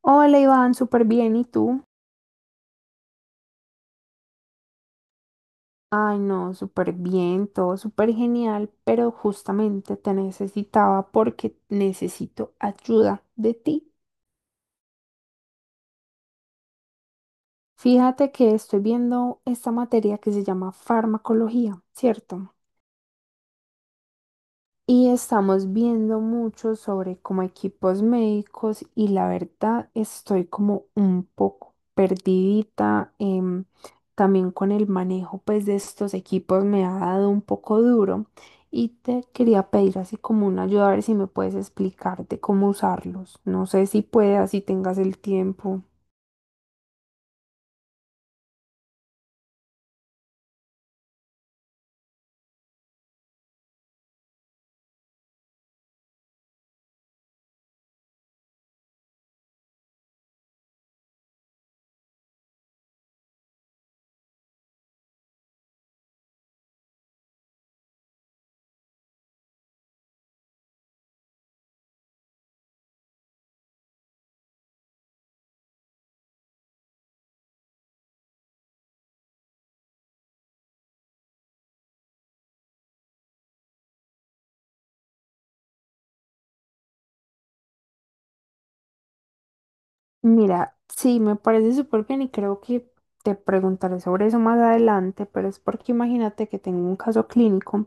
Hola Iván, súper bien. ¿Y tú? Ay, no, súper bien, todo súper genial, pero justamente te necesitaba porque necesito ayuda de ti. Fíjate que estoy viendo esta materia que se llama farmacología, ¿cierto? Y estamos viendo mucho sobre como equipos médicos y la verdad estoy como un poco perdidita. También con el manejo pues de estos equipos me ha dado un poco duro y te quería pedir así como una ayuda a ver si me puedes explicar de cómo usarlos. No sé si puedas, si tengas el tiempo. Mira, sí, me parece súper bien y creo que te preguntaré sobre eso más adelante, pero es porque imagínate que tengo un caso clínico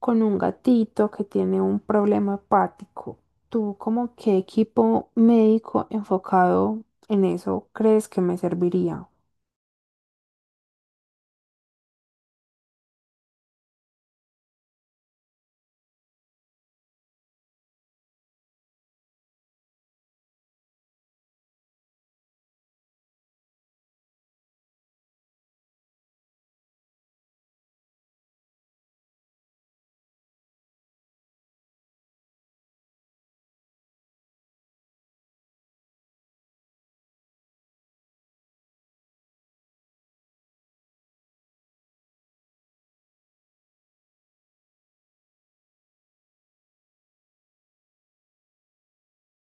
con un gatito que tiene un problema hepático. ¿Tú como qué equipo médico enfocado en eso crees que me serviría?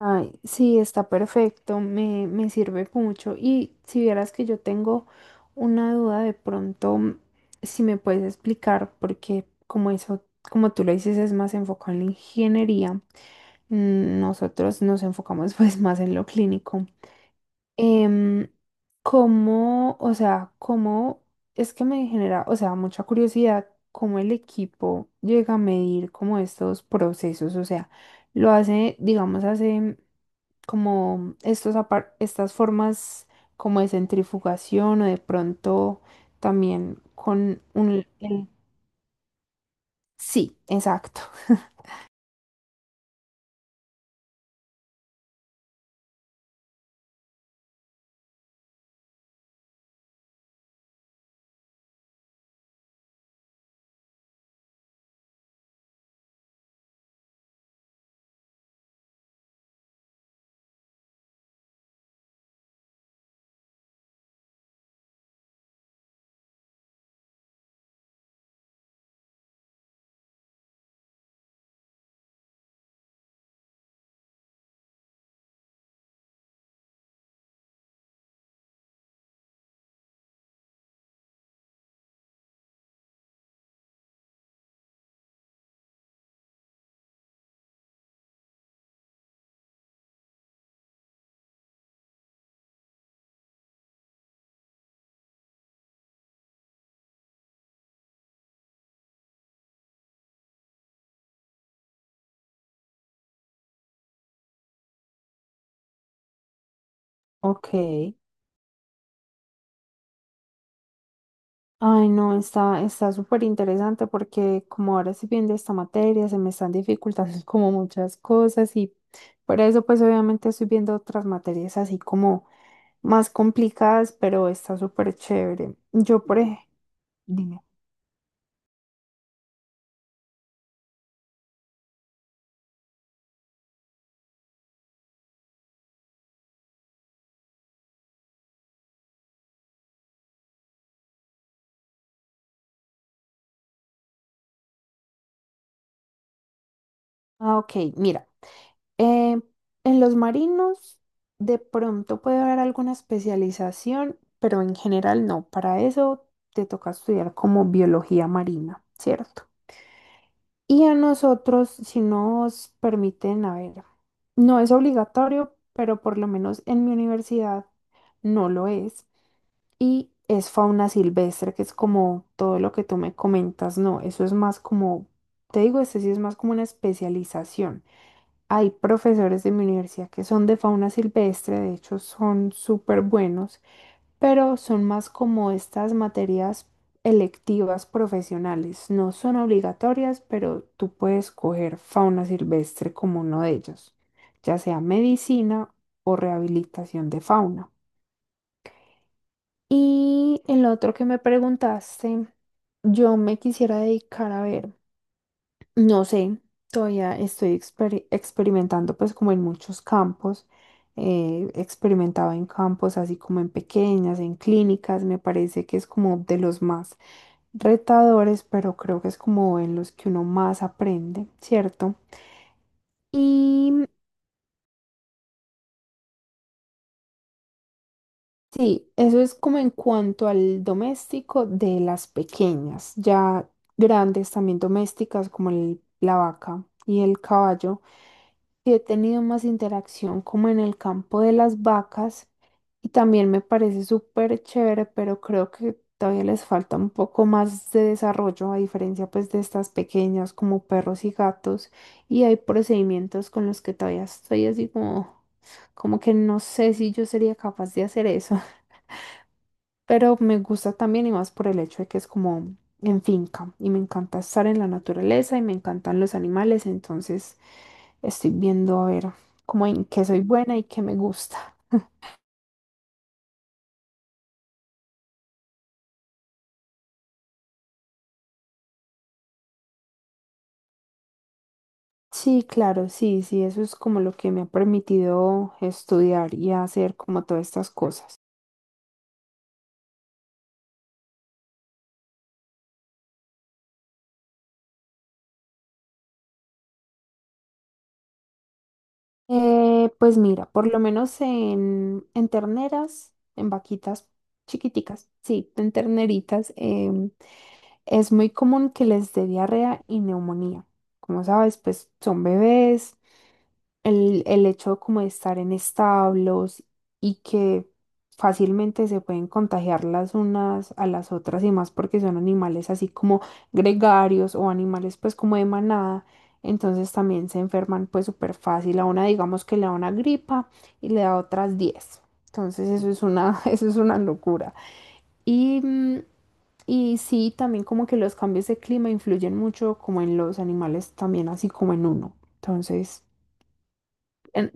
Ay, sí, está perfecto, me sirve mucho. Y si vieras que yo tengo una duda, de pronto, si me puedes explicar, porque como eso, como tú lo dices, es más enfocado en la ingeniería, mm, nosotros nos enfocamos pues más en lo clínico. Em, ¿Cómo, o sea, cómo es que me genera, o sea, mucha curiosidad, cómo el equipo llega a medir como estos procesos? O sea, lo hace, digamos, hace como estas formas como de centrifugación o de pronto también con un... el- Sí, exacto. Ok. Ay, no, está súper interesante porque como ahora estoy viendo esta materia, se me están dificultando como muchas cosas y por eso pues obviamente estoy viendo otras materias así como más complicadas, pero está súper chévere. Yo por ejemplo, dime. Ah, ok, mira. Eh, en los marinos de pronto puede haber alguna especialización, pero en general no. Para eso te toca estudiar como biología marina, ¿cierto? Y a nosotros, si nos permiten, a ver, no es obligatorio, pero por lo menos en mi universidad no lo es. Y es fauna silvestre, que es como todo lo que tú me comentas, no, eso es más como, te digo, este sí es más como una especialización. Hay profesores de mi universidad que son de fauna silvestre, de hecho son súper buenos, pero son más como estas materias electivas profesionales. No son obligatorias, pero tú puedes coger fauna silvestre como uno de ellos, ya sea medicina o rehabilitación de fauna. Y el otro que me preguntaste, yo me quisiera dedicar a ver. No sé, todavía estoy experimentando pues como en muchos campos. He experimentado en campos así como en pequeñas, en clínicas, me parece que es como de los más retadores, pero creo que es como en los que uno más aprende, ¿cierto? Y sí, eso es como en cuanto al doméstico de las pequeñas, ya grandes también domésticas como la vaca y el caballo. Sí he tenido más interacción como en el campo de las vacas y también me parece súper chévere, pero creo que todavía les falta un poco más de desarrollo a diferencia pues de estas pequeñas como perros y gatos y hay procedimientos con los que todavía estoy así como, como que no sé si yo sería capaz de hacer eso. Pero me gusta también y más por el hecho de que es como en finca y me encanta estar en la naturaleza y me encantan los animales, entonces estoy viendo a ver cómo en qué soy buena y qué me gusta. Sí, claro, sí, sí, eso es como lo que me ha permitido estudiar y hacer como todas estas cosas. Pues mira, por lo menos en terneras, en vaquitas chiquiticas, sí, en terneritas, es muy común que les dé diarrea y neumonía. Como sabes, pues son bebés. El hecho como de estar en establos y que fácilmente se pueden contagiar las unas a las otras y más porque son animales así como gregarios o animales pues como de manada. Entonces también se enferman pues súper fácil. A una digamos que le da una gripa y le da otras 10. Entonces eso es una, eso es una locura. Y mm, y sí, también como que los cambios de clima influyen mucho como en los animales también, así como en uno. Entonces, en-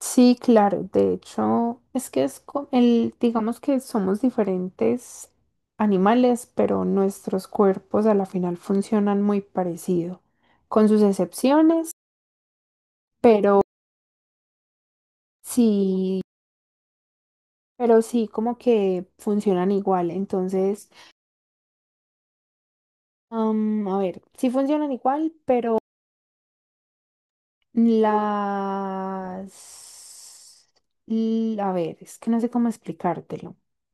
sí, claro, de hecho, es que el, digamos que somos diferentes animales, pero nuestros cuerpos a la final funcionan muy parecido, con sus excepciones, pero sí, pero sí como que funcionan igual. Entonces, a ver, sí funcionan igual, pero las... A ver, es que no sé cómo explicártelo.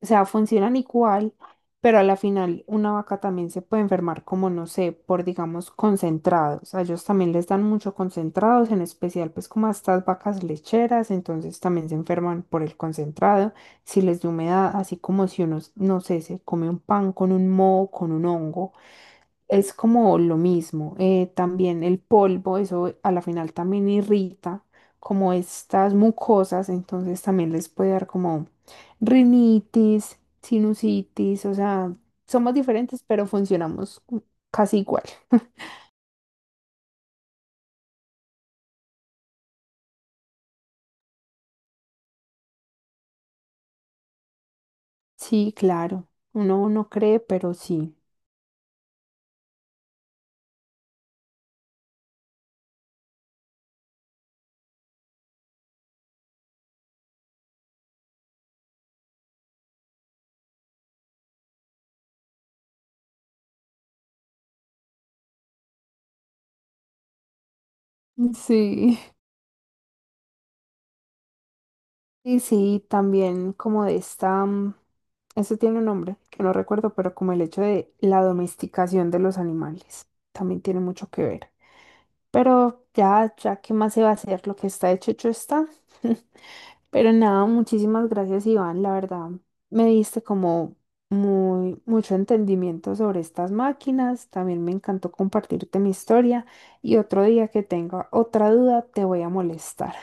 O sea, funcionan igual, pero a la final una vaca también se puede enfermar como, no sé, por, digamos, concentrados. A ellos también les dan mucho concentrados, en especial pues como a estas vacas lecheras, entonces también se enferman por el concentrado, si les da humedad, así como si uno, no sé, se come un pan con un moho, con un hongo es como lo mismo. Eh, también el polvo, eso a la final también irrita como estas mucosas, entonces también les puede dar como rinitis, sinusitis, o sea, somos diferentes, pero funcionamos casi igual. Sí, claro, uno no cree, pero sí. Sí. Y sí, también como de esta, mm, eso tiene un nombre que no recuerdo, pero como el hecho de la domesticación de los animales, también tiene mucho que ver. Pero ya, ya, ¿qué más se va a hacer? Lo que está hecho, hecho está. Pero nada, muchísimas gracias, Iván. La verdad, me diste como mucho entendimiento sobre estas máquinas. También me encantó compartirte mi historia. Y otro día que tenga otra duda, te voy a molestar.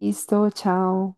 Listo, chao.